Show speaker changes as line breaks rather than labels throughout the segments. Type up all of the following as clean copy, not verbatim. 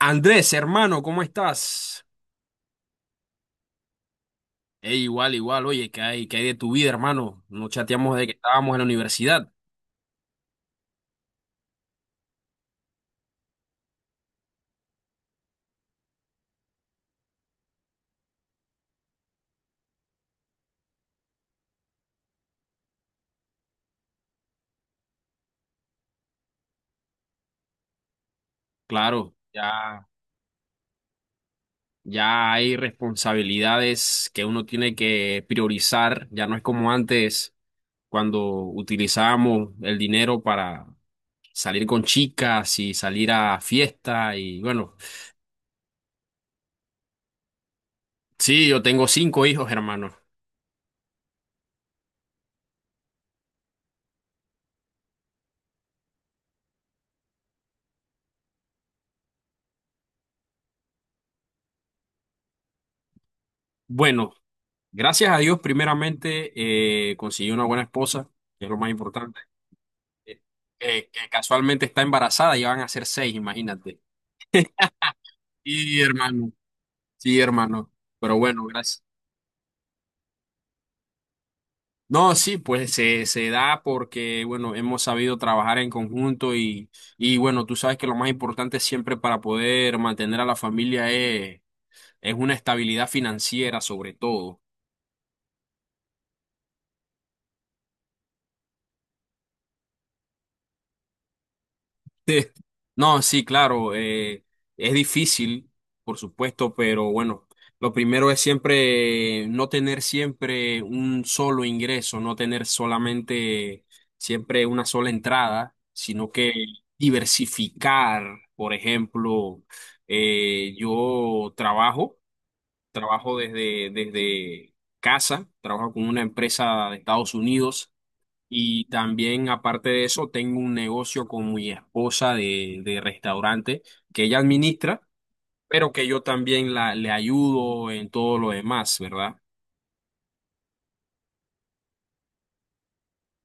Andrés, hermano, ¿cómo estás? Ey, igual, igual, oye, ¿qué hay de tu vida, hermano? No chateamos de que estábamos en la universidad. Claro, ya, ya hay responsabilidades que uno tiene que priorizar. Ya no es como antes, cuando utilizábamos el dinero para salir con chicas y salir a fiesta. Y bueno, sí, yo tengo cinco hijos, hermano. Bueno, gracias a Dios, primeramente, conseguí una buena esposa, que es lo más importante. eh, que casualmente está embarazada y van a ser seis, imagínate. Sí, hermano, sí, hermano. Pero bueno, gracias. No, sí, pues se da porque, bueno, hemos sabido trabajar en conjunto y bueno, tú sabes que lo más importante siempre para poder mantener a la familia es una estabilidad financiera sobre todo. Sí. No, sí, claro, es difícil, por supuesto, pero bueno, lo primero es siempre no tener siempre un solo ingreso, no tener solamente siempre una sola entrada, sino que diversificar. Por ejemplo, yo trabajo desde casa, trabajo con una empresa de Estados Unidos y también, aparte de eso, tengo un negocio con mi esposa de restaurante que ella administra, pero que yo también le ayudo en todo lo demás, ¿verdad?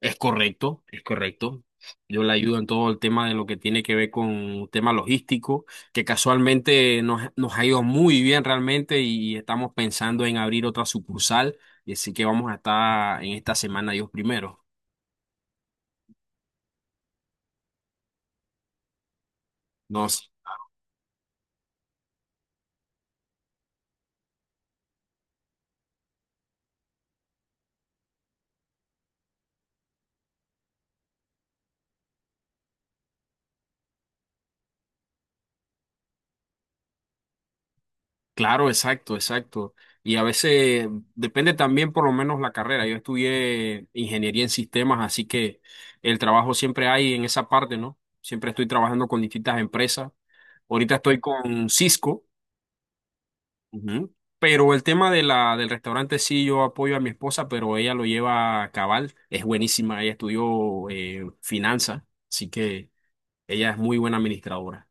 Es correcto, es correcto. Yo le ayudo en todo el tema de lo que tiene que ver con tema logístico, que casualmente nos ha ido muy bien realmente y estamos pensando en abrir otra sucursal, y así que vamos a estar en esta semana Dios primero. Nos, Claro, exacto, exacto. Y a veces depende también por lo menos la carrera. Yo estudié ingeniería en sistemas, así que el trabajo siempre hay en esa parte, ¿no? Siempre estoy trabajando con distintas empresas. Ahorita estoy con Cisco, ujú, pero el tema de del restaurante sí, yo apoyo a mi esposa, pero ella lo lleva a cabal. Es buenísima, ella estudió finanzas, así que ella es muy buena administradora.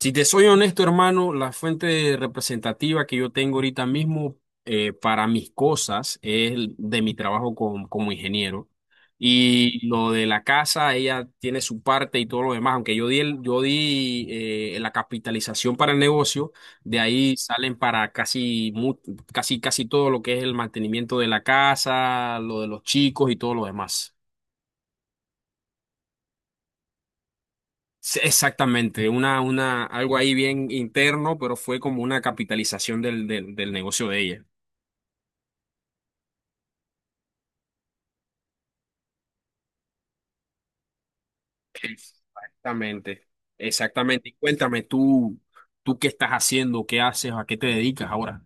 Si te soy honesto, hermano, la fuente representativa que yo tengo ahorita mismo para mis cosas es el de mi trabajo como ingeniero. Y lo de la casa, ella tiene su parte y todo lo demás. Aunque yo di la capitalización para el negocio, de ahí salen para casi todo lo que es el mantenimiento de la casa, lo de los chicos y todo lo demás. Sí, exactamente, algo ahí bien interno, pero fue como una capitalización del negocio de ella. Exactamente, exactamente. Y cuéntame tú, tú qué estás haciendo, qué haces, a qué te dedicas ahora.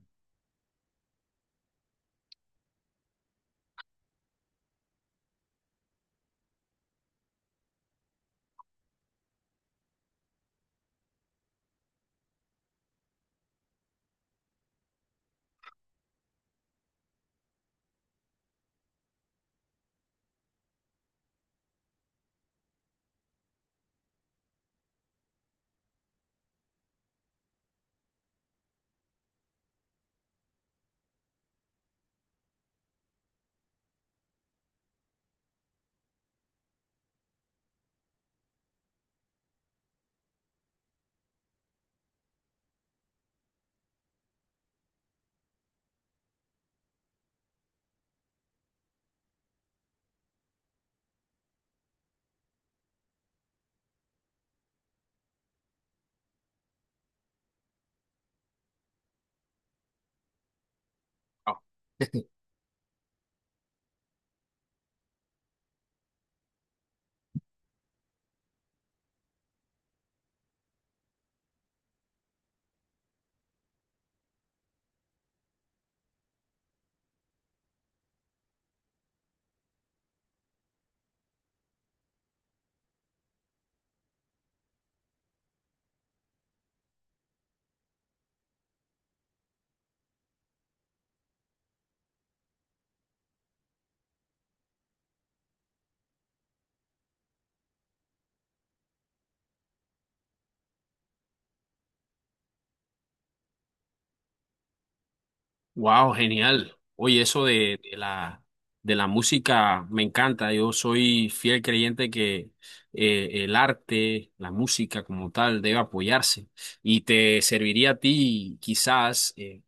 Wow, genial. Oye, eso de la música me encanta. Yo soy fiel creyente que el arte, la música como tal, debe apoyarse. Y te serviría a ti quizás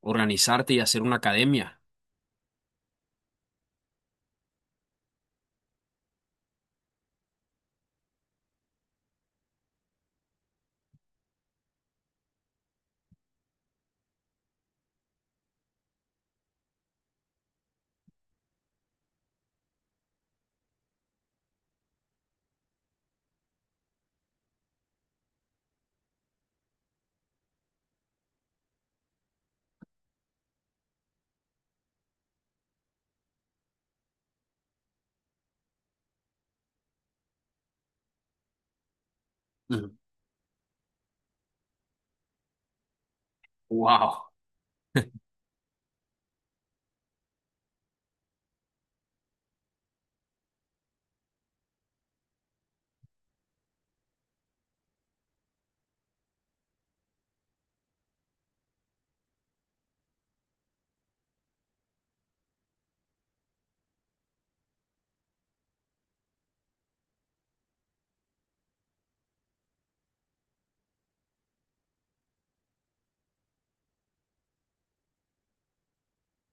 organizarte y hacer una academia. Wow.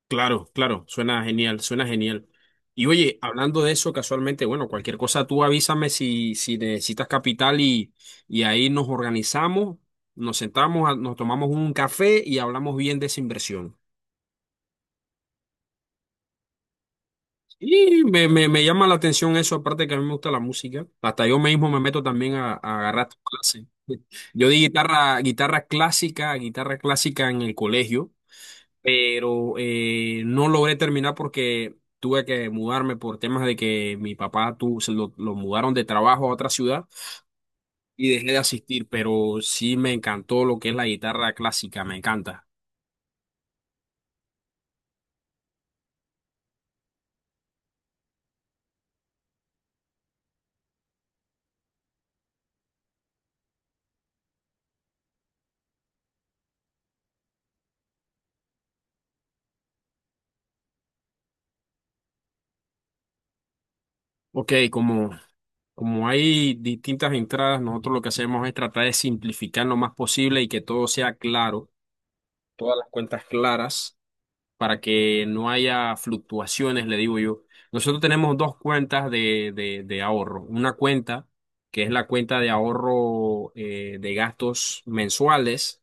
Claro, claro, suena genial, suena genial. Y oye, hablando de eso, casualmente, bueno, cualquier cosa tú avísame si, si necesitas capital y ahí nos organizamos, nos sentamos, nos tomamos un café y hablamos bien de esa inversión. Y me llama la atención eso, aparte que a mí me gusta la música. Hasta yo mismo me meto también a, agarrar clases. Yo di guitarra clásica en el colegio. Pero no logré terminar porque tuve que mudarme por temas de que mi papá lo mudaron de trabajo a otra ciudad y dejé de asistir, pero sí me encantó lo que es la guitarra clásica, me encanta. Ok, como hay distintas entradas, nosotros lo que hacemos es tratar de simplificar lo más posible y que todo sea claro, todas las cuentas claras, para que no haya fluctuaciones, le digo yo. Nosotros tenemos dos cuentas de ahorro. Una cuenta que es la cuenta de ahorro de gastos mensuales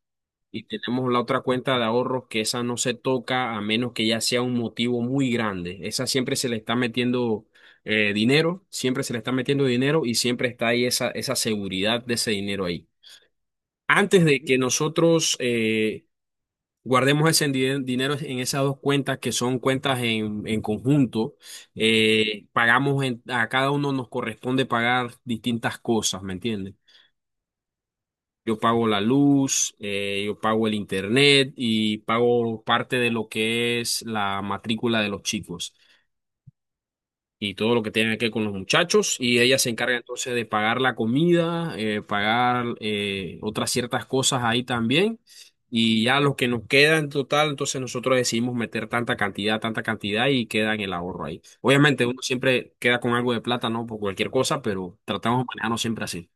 y tenemos la otra cuenta de ahorro que esa no se toca a menos que ya sea un motivo muy grande. Esa siempre se le está metiendo dinero, siempre se le está metiendo dinero y siempre está ahí esa seguridad de ese dinero ahí. Antes de que nosotros guardemos ese dinero en esas dos cuentas que son cuentas en conjunto. Pagamos a cada uno nos corresponde pagar distintas cosas, ¿me entiendes? Yo pago la luz, yo pago el internet y pago parte de lo que es la matrícula de los chicos y todo lo que tiene que ver con los muchachos. Y ella se encarga entonces de pagar la comida, pagar otras ciertas cosas ahí también. Y ya lo que nos queda en total, entonces nosotros decidimos meter tanta cantidad y queda en el ahorro ahí. Obviamente uno siempre queda con algo de plata, ¿no? Por cualquier cosa, pero tratamos de manejarnos siempre así.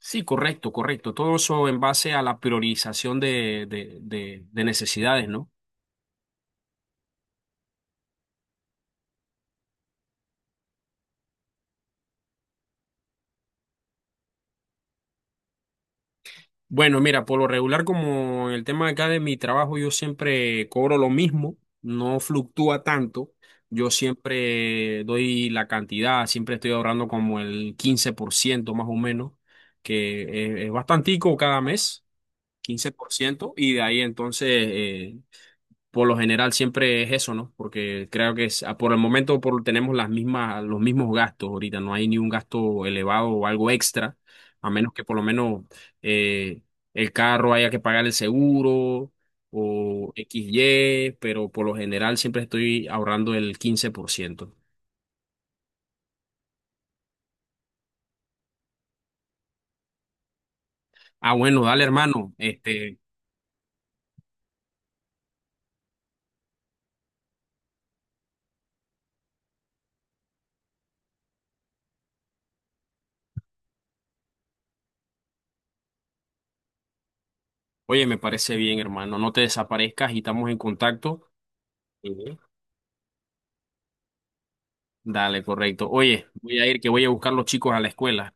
Sí, correcto, correcto. Todo eso en base a la priorización de necesidades, ¿no? Bueno, mira, por lo regular, como en el tema acá de mi trabajo, yo siempre cobro lo mismo, no fluctúa tanto. Yo siempre doy la cantidad, siempre estoy ahorrando como el 15% más o menos, que es bastantico cada mes, 15%, y de ahí entonces por lo general siempre es eso, ¿no? Porque creo que por el momento tenemos los mismos gastos ahorita, no hay ni un gasto elevado o algo extra, a menos que por lo menos eh, el carro haya que pagar el seguro o x y pero por lo general siempre estoy ahorrando el 15%. Ah, bueno, dale, hermano. Este, oye, me parece bien, hermano. No te desaparezcas y estamos en contacto. Ujú. Dale, correcto. Oye, voy a ir que voy a buscar los chicos a la escuela.